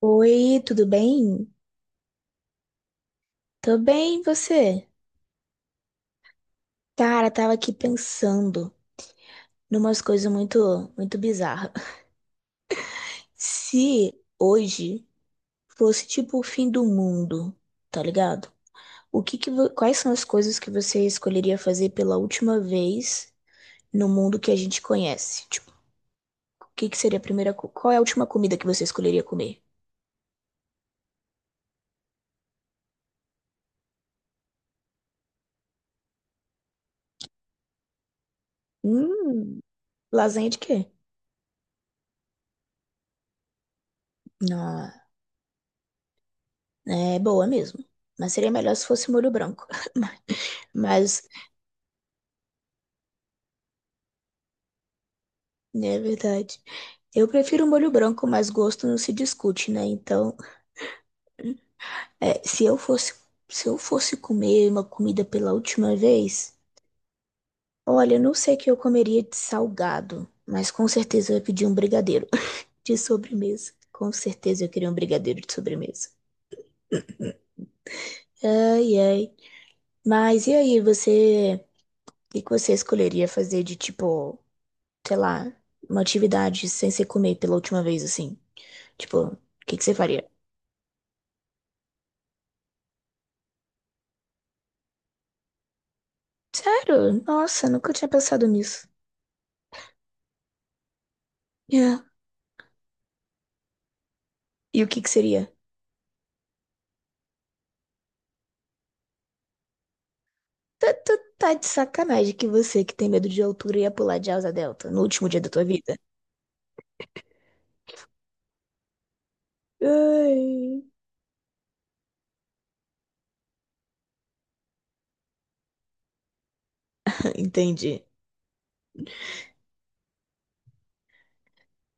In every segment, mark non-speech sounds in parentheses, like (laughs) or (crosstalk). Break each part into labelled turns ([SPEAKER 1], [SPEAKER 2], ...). [SPEAKER 1] Oi, tudo bem? Tô bem, e você? Cara, tava aqui pensando numas coisas muito, muito bizarras. (laughs) Se hoje fosse tipo o fim do mundo, tá ligado? O que que, vo- Quais são as coisas que você escolheria fazer pela última vez no mundo que a gente conhece? Tipo, o que que seria a primeira, co- qual é a última comida que você escolheria comer? Hum, lasanha de quê? Não, é boa mesmo. Mas seria melhor se fosse molho branco. (laughs) Mas, né, é verdade. Eu prefiro um molho branco, mas gosto não se discute, né? Então, se eu fosse, se eu fosse comer uma comida pela última vez, olha, eu não sei o que eu comeria de salgado, mas com certeza eu ia pedir um brigadeiro (laughs) de sobremesa. Com certeza eu queria um brigadeiro de sobremesa. Ai, ai. Mas e aí, o que que você escolheria fazer de tipo, sei lá, uma atividade sem ser comer pela última vez assim? Tipo, o que que você faria? Sério? Nossa, nunca tinha pensado nisso. É. E o que que seria? Tá, tá, tá de sacanagem que você que tem medo de altura ia pular de asa delta no último dia da tua vida. Ai. (laughs) Entendi.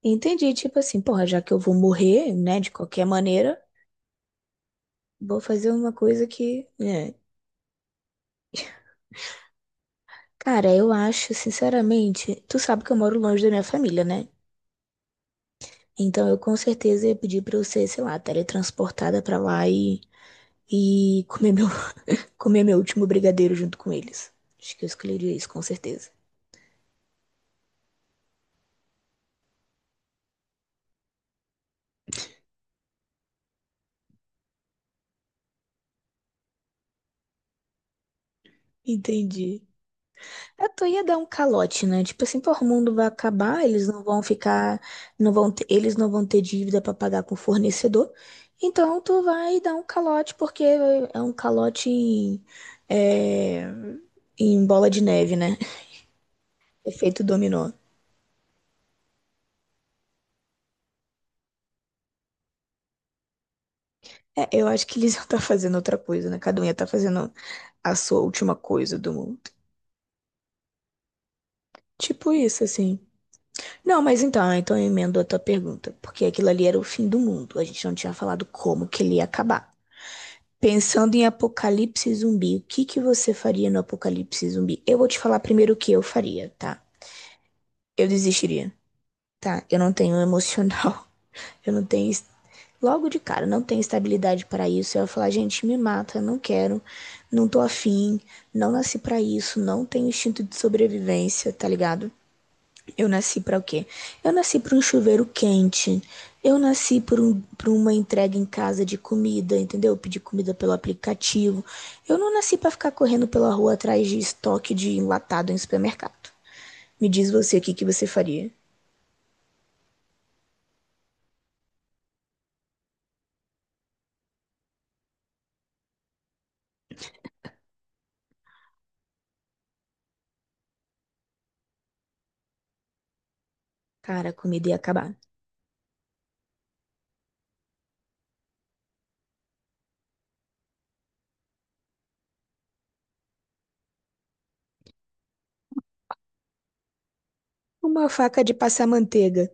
[SPEAKER 1] Entendi, tipo assim, porra, já que eu vou morrer, né, de qualquer maneira, vou fazer uma coisa que, né? Cara, eu acho, sinceramente, tu sabe que eu moro longe da minha família, né? Então eu com certeza ia pedir pra eu ser, sei lá, teletransportada pra lá e, e comer meu Comer meu último brigadeiro junto com eles. Acho que eu escolheria isso, com certeza. Entendi. Eu tô ia dar um calote, né? Tipo assim, pô, o mundo vai acabar, eles não vão ficar, eles não vão ter dívida pra pagar com o fornecedor. Então tu vai dar um calote porque é um calote em, é, em bola de neve, né? (laughs) Efeito dominó. É, eu acho que eles iam estar fazendo outra coisa, né? Cada um ia estar fazendo a sua última coisa do mundo. Tipo isso, assim. Não, mas então, eu emendo a tua pergunta, porque aquilo ali era o fim do mundo. A gente não tinha falado como que ele ia acabar. Pensando em apocalipse zumbi, o que que você faria no apocalipse zumbi? Eu vou te falar primeiro o que eu faria, tá? Eu desistiria, tá? Eu não tenho emocional, (laughs) eu não tenho est- logo de cara, não tenho estabilidade para isso. Eu ia falar, gente, me mata, não quero, não tô afim, não nasci para isso, não tenho instinto de sobrevivência, tá ligado? Eu nasci para o quê? Eu nasci para um chuveiro quente. Eu nasci por uma entrega em casa de comida, entendeu? Pedir comida pelo aplicativo. Eu não nasci para ficar correndo pela rua atrás de estoque de enlatado em supermercado. Me diz você o que que você faria? Cara, a comida ia acabar. Uma faca de passar manteiga,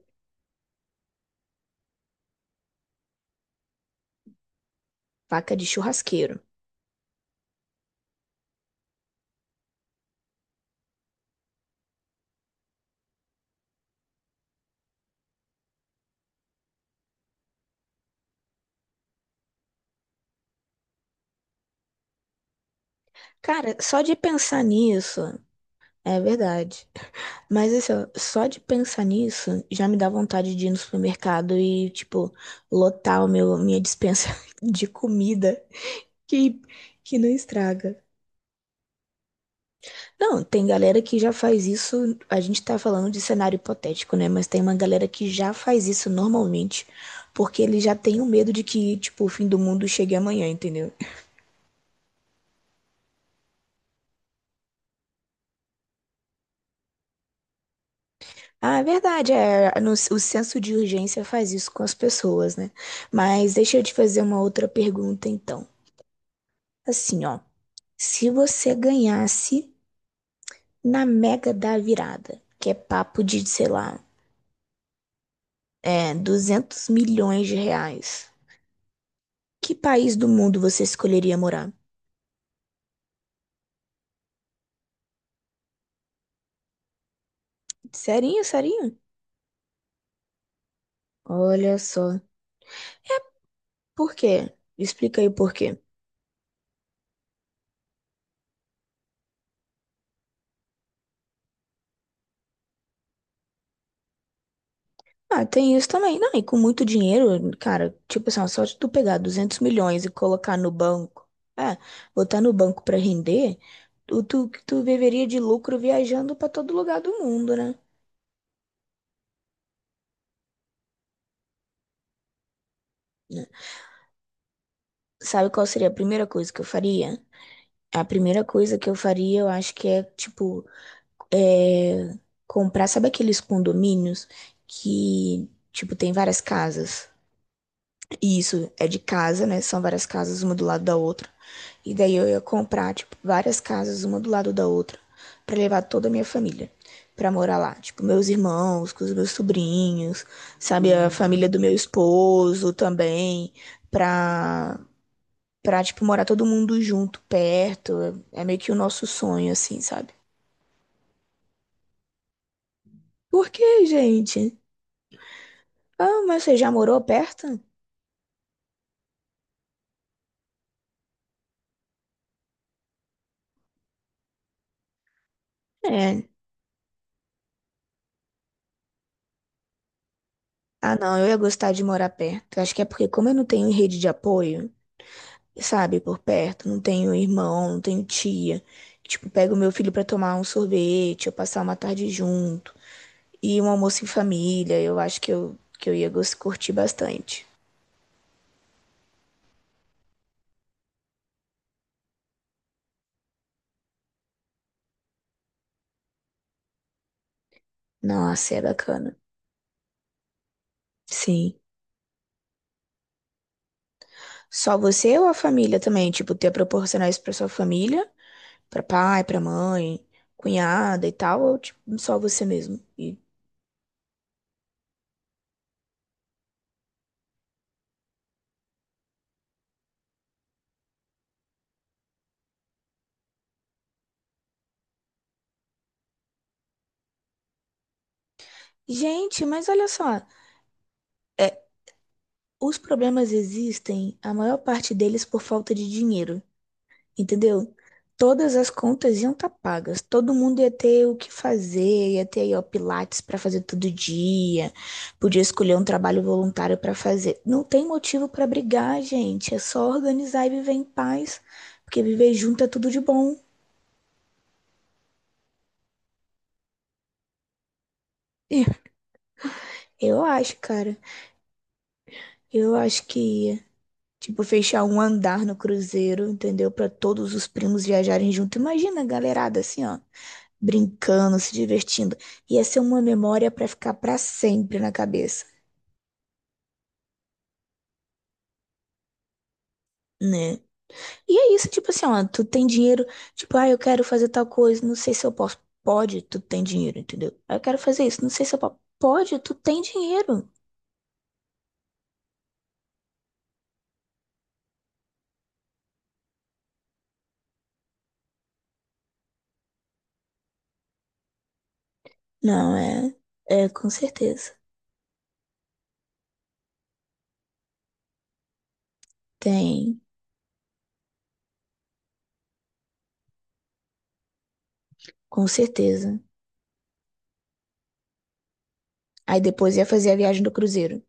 [SPEAKER 1] faca de churrasqueiro. Cara, só de pensar nisso, é verdade. Mas assim, ó, só de pensar nisso já me dá vontade de ir no supermercado e, tipo, lotar minha dispensa (laughs) de comida que, que não estraga. Não, tem galera que já faz isso. A gente tá falando de cenário hipotético, né? Mas tem uma galera que já faz isso normalmente, porque ele já tem o medo de que, tipo, o fim do mundo chegue amanhã, entendeu? Ah, é verdade, o senso de urgência faz isso com as pessoas, né? Mas deixa eu te fazer uma outra pergunta, então. Assim, ó. Se você ganhasse na Mega da Virada, que é papo de, sei lá, 200 milhões de reais, que país do mundo você escolheria morar? Serinho, serinho? Olha só. Por quê? Explica aí por quê. Ah, tem isso também. Não, e com muito dinheiro, cara, tipo assim, ó, só de tu pegar 200 milhões e colocar no banco, é, botar no banco pra render, tu viveria de lucro viajando pra todo lugar do mundo, né? Sabe qual seria a primeira coisa que eu faria? A primeira coisa que eu faria, eu acho que é, tipo, é, comprar, sabe aqueles condomínios que, tipo, tem várias casas? E isso, é de casa, né? São várias casas, uma do lado da outra. E daí eu ia comprar, tipo, várias casas, uma do lado da outra, pra levar toda a minha família pra morar lá. Tipo, meus irmãos, com os meus sobrinhos, sabe? A família do meu esposo também, pra tipo, morar todo mundo junto, perto. É meio que o nosso sonho, assim, sabe? Por quê, gente? Ah, mas você já morou perto? É. Ah, não, eu ia gostar de morar perto. Acho que é porque, como eu não tenho rede de apoio, sabe, por perto, não tenho irmão, não tenho tia. Tipo, pego meu filho pra tomar um sorvete, ou passar uma tarde junto. E um almoço em família, eu acho que que eu ia curtir bastante. Nossa, é bacana. Sim. Só você ou a família também? Tipo, ter proporcionar isso pra sua família? Pra pai, pra mãe, cunhada e tal? Ou, tipo, só você mesmo? E. Gente, mas olha só. É, os problemas existem, a maior parte deles por falta de dinheiro. Entendeu? Todas as contas iam estar pagas, todo mundo ia ter o que fazer, ia ter aí, ó, pilates para fazer todo dia, podia escolher um trabalho voluntário para fazer. Não tem motivo para brigar, gente, é só organizar e viver em paz, porque viver junto é tudo de bom. (laughs) Ih, cara, eu acho que tipo, fechar um andar no cruzeiro, entendeu? Para todos os primos viajarem junto. Imagina a galerada assim, ó, brincando, se divertindo. Ia ser uma memória pra ficar pra sempre na cabeça, né? E é isso, tipo assim, ó, tu tem dinheiro, tipo, ah, eu quero fazer tal coisa, não sei se eu posso. Pode, tu tem dinheiro, entendeu? Ah, eu quero fazer isso, não sei se eu posso. Pode, tu tem dinheiro. Não, é, com certeza. Tem, com certeza. Aí depois ia fazer a viagem do cruzeiro.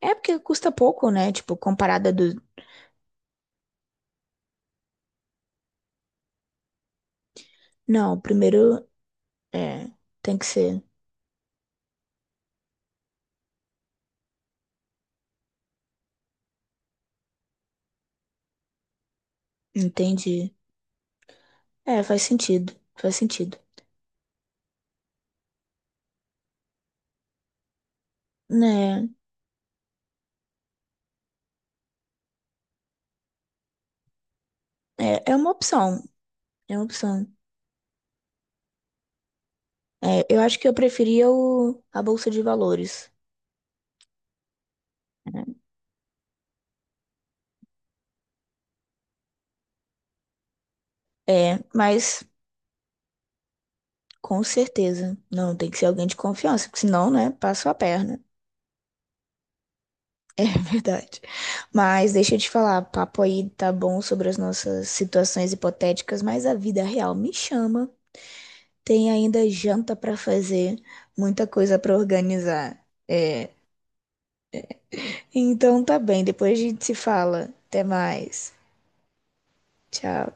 [SPEAKER 1] É porque custa pouco, né? Tipo, comparada do. Não, primeiro, é, tem que ser. Entendi. É, faz sentido, faz sentido. Né? É, é uma opção. É uma opção. É, eu acho que eu preferia a bolsa de valores. Né? É, mas com certeza. Não, tem que ser alguém de confiança, porque senão, né, passa a perna. (laughs) É verdade. Mas deixa eu te falar, papo aí tá bom sobre as nossas situações hipotéticas, mas a vida real me chama. Tem ainda janta pra fazer, muita coisa pra organizar. É. Então tá bem, depois a gente se fala. Até mais. Tchau.